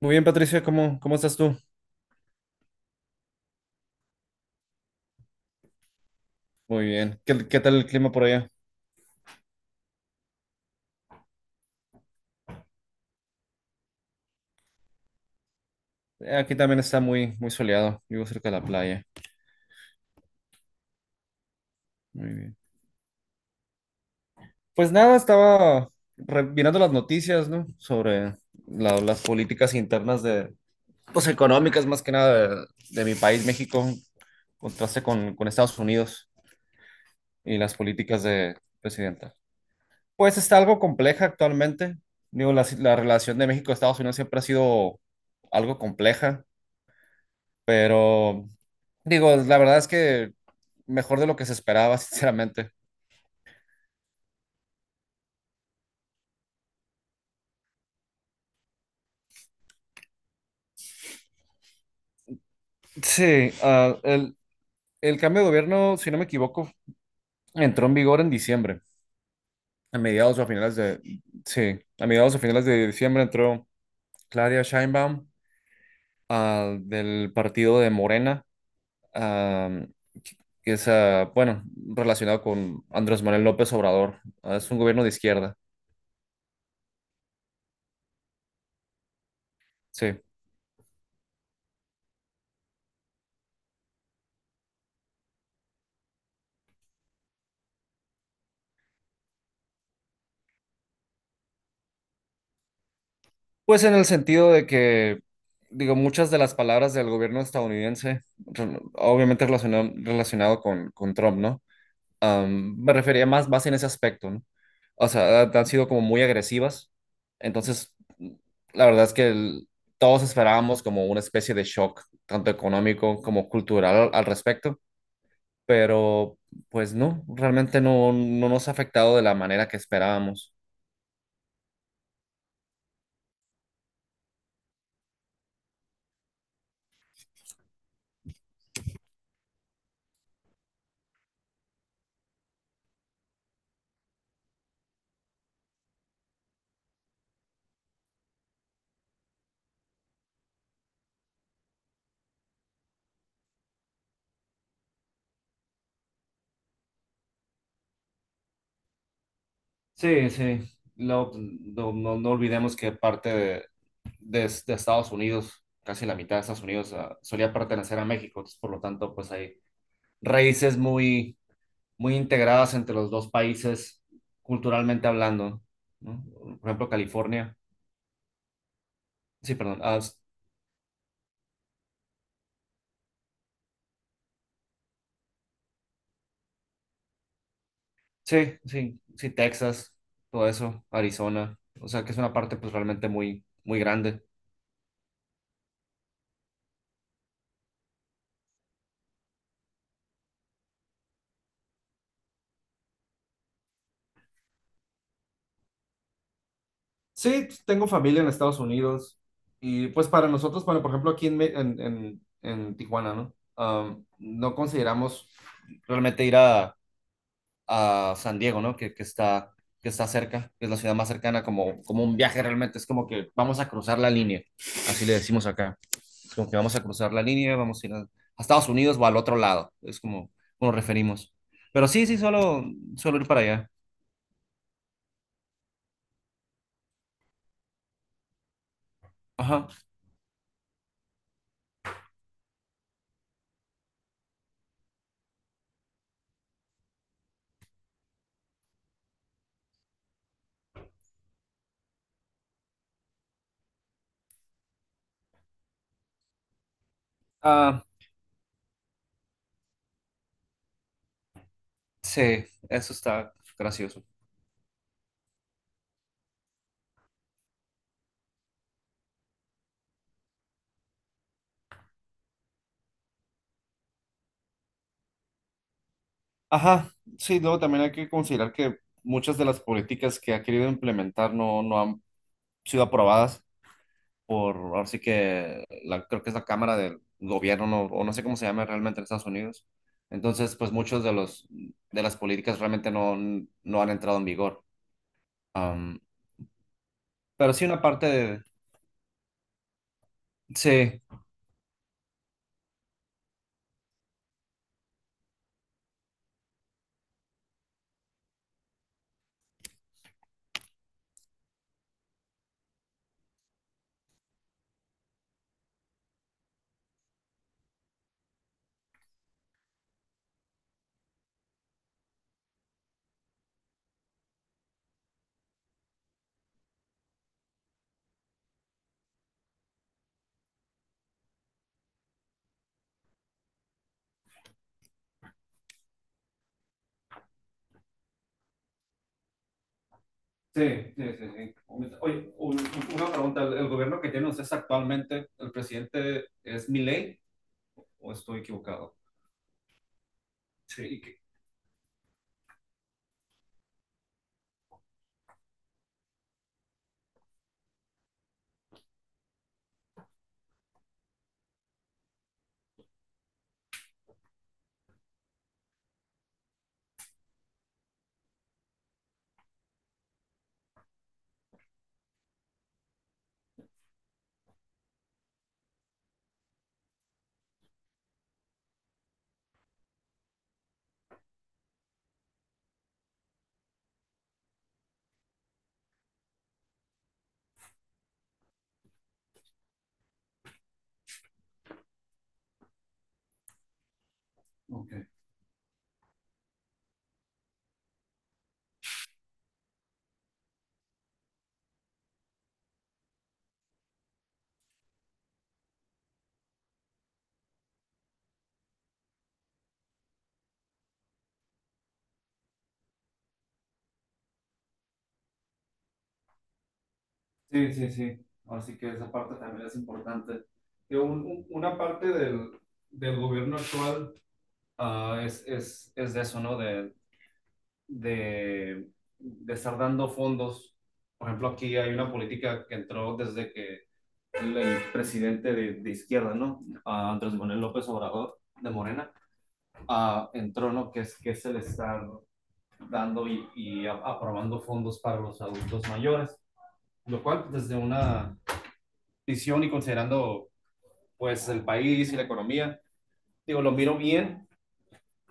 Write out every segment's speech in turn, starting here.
Muy bien, Patricia, ¿cómo estás tú? Muy bien. ¿Qué tal el clima por allá? Aquí también está muy soleado. Vivo cerca de la playa. Muy bien. Pues nada, estaba mirando las noticias, ¿no? Sobre las políticas internas de, pues económicas más que nada de mi país, México, en contraste con Estados Unidos y las políticas de presidenta. Pues está algo compleja actualmente. Digo, la relación de México-Estados Unidos siempre ha sido algo compleja, pero digo, la verdad es que mejor de lo que se esperaba, sinceramente. Sí, el cambio de gobierno, si no me equivoco, entró en vigor en diciembre, a mediados o a finales de, sí, a mediados o finales de diciembre entró Claudia Sheinbaum, del partido de Morena, ah, que es, bueno, relacionado con Andrés Manuel López Obrador. Ah, es un gobierno de izquierda, sí. Pues en el sentido de que, digo, muchas de las palabras del gobierno estadounidense, obviamente relacionado con Trump, ¿no? Me refería más en ese aspecto, ¿no? O sea, han sido como muy agresivas. Entonces, la verdad es que todos esperábamos como una especie de shock, tanto económico como cultural al respecto, pero pues no, realmente no, no nos ha afectado de la manera que esperábamos. Sí, sí. No, no, no olvidemos que parte de, de Estados Unidos, casi la mitad de Estados Unidos solía pertenecer a México, entonces, por lo tanto, pues hay raíces muy, muy integradas entre los dos países culturalmente hablando, ¿no? Por ejemplo, California, sí, perdón, ah, sí, sí, sí, Texas, todo eso, Arizona, o sea que es una parte pues realmente muy, muy grande. Sí, tengo familia en Estados Unidos y pues para nosotros, bueno, por ejemplo, aquí en, en, en Tijuana, ¿no? Am, no consideramos realmente ir a San Diego, ¿no? Que está cerca, que es la ciudad más cercana, como, como un viaje realmente, es como que vamos a cruzar la línea, así le decimos acá, es como que vamos a cruzar la línea, vamos a ir a Estados Unidos o al otro lado, es como, como nos referimos. Pero sí, sí, solo ir para allá. Ajá. Ah, sí, eso está gracioso. Ajá, sí, luego también hay que considerar que muchas de las políticas que ha querido implementar no, no han sido aprobadas por, ahora sí que la, creo que es la Cámara del Gobierno, no, o no sé cómo se llama realmente en Estados Unidos. Entonces, pues muchos de los, de las políticas realmente no, no han entrado en vigor. Am, pero sí una parte de... Sí. Sí, sí, sí, sí. Oye, una pregunta. ¿El gobierno que tienen ustedes actualmente, el presidente es Milei o estoy equivocado? Sí. ¿Y qué? Ok. Sí, sí, sí. Así que esa parte también es importante. Que una parte del gobierno actual es de eso, ¿no? De, de estar dando fondos. Por ejemplo, aquí hay una política que entró desde que el presidente de izquierda, ¿no? Ah, Andrés Manuel López Obrador, de Morena, ah, entró, ¿no? Que es el estar dando y aprobando fondos para los adultos mayores, lo cual pues, desde una visión y considerando pues el país y la economía, digo, lo miro bien,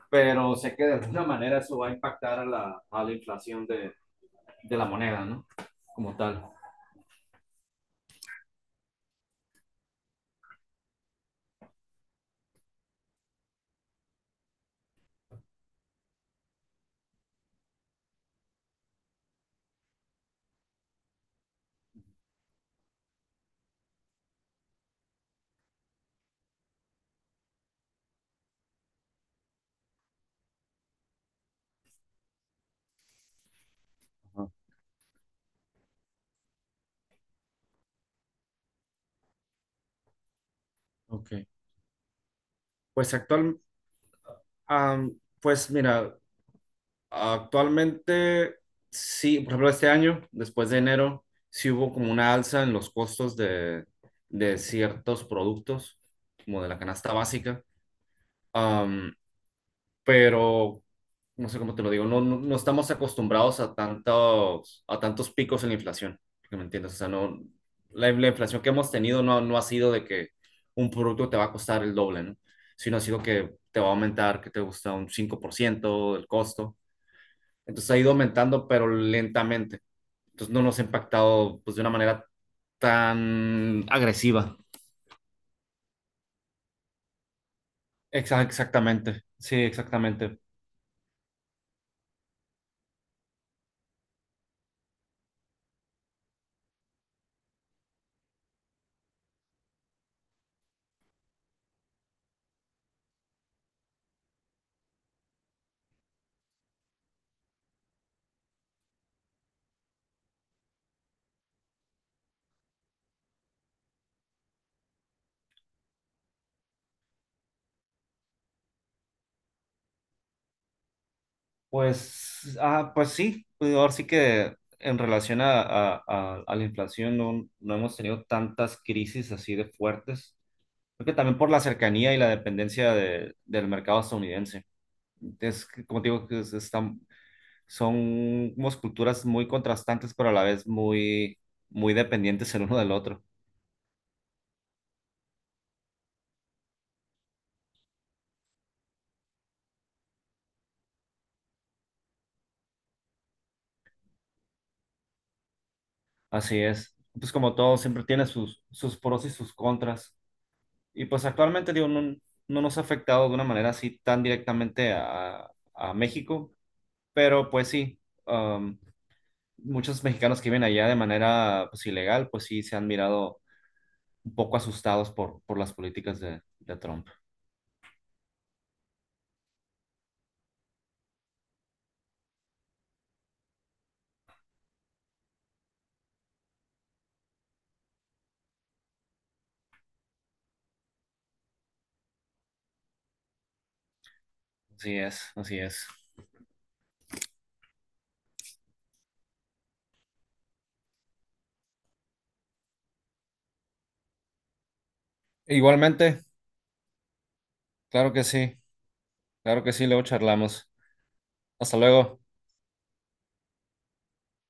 pero sé que de alguna manera eso va a impactar a a la inflación de la moneda, ¿no? Como tal. Ok. Pues actual, am, pues mira, actualmente sí, por ejemplo, este año, después de enero, sí hubo como una alza en los costos de ciertos productos, como de la canasta básica. Pero no sé cómo te lo digo, no, no, no estamos acostumbrados a tantos picos en la inflación, que me entiendes, o sea, no, la inflación que hemos tenido no, no ha sido de que un producto te va a costar el doble, ¿no? Sino ha sido que te va a aumentar, que te gusta un 5% del costo, entonces ha ido aumentando, pero lentamente, entonces no nos ha impactado pues, de una manera tan agresiva. Exactamente, sí, exactamente. Pues, ah, pues sí, pues ahora sí que en relación a, a la inflación no, no hemos tenido tantas crisis así de fuertes. Creo que también por la cercanía y la dependencia del mercado estadounidense. Es, que, como te digo, que están, son somos culturas muy contrastantes, pero a la vez muy, muy dependientes el uno del otro. Así es. Pues como todo, siempre tiene sus, sus pros y sus contras. Y pues actualmente, digo, no, no nos ha afectado de una manera así tan directamente a México, pero pues sí, um, muchos mexicanos que viven allá de manera pues ilegal, pues sí se han mirado un poco asustados por las políticas de Trump. Así es, así es. Igualmente, claro que sí, claro que sí, luego charlamos. Hasta luego.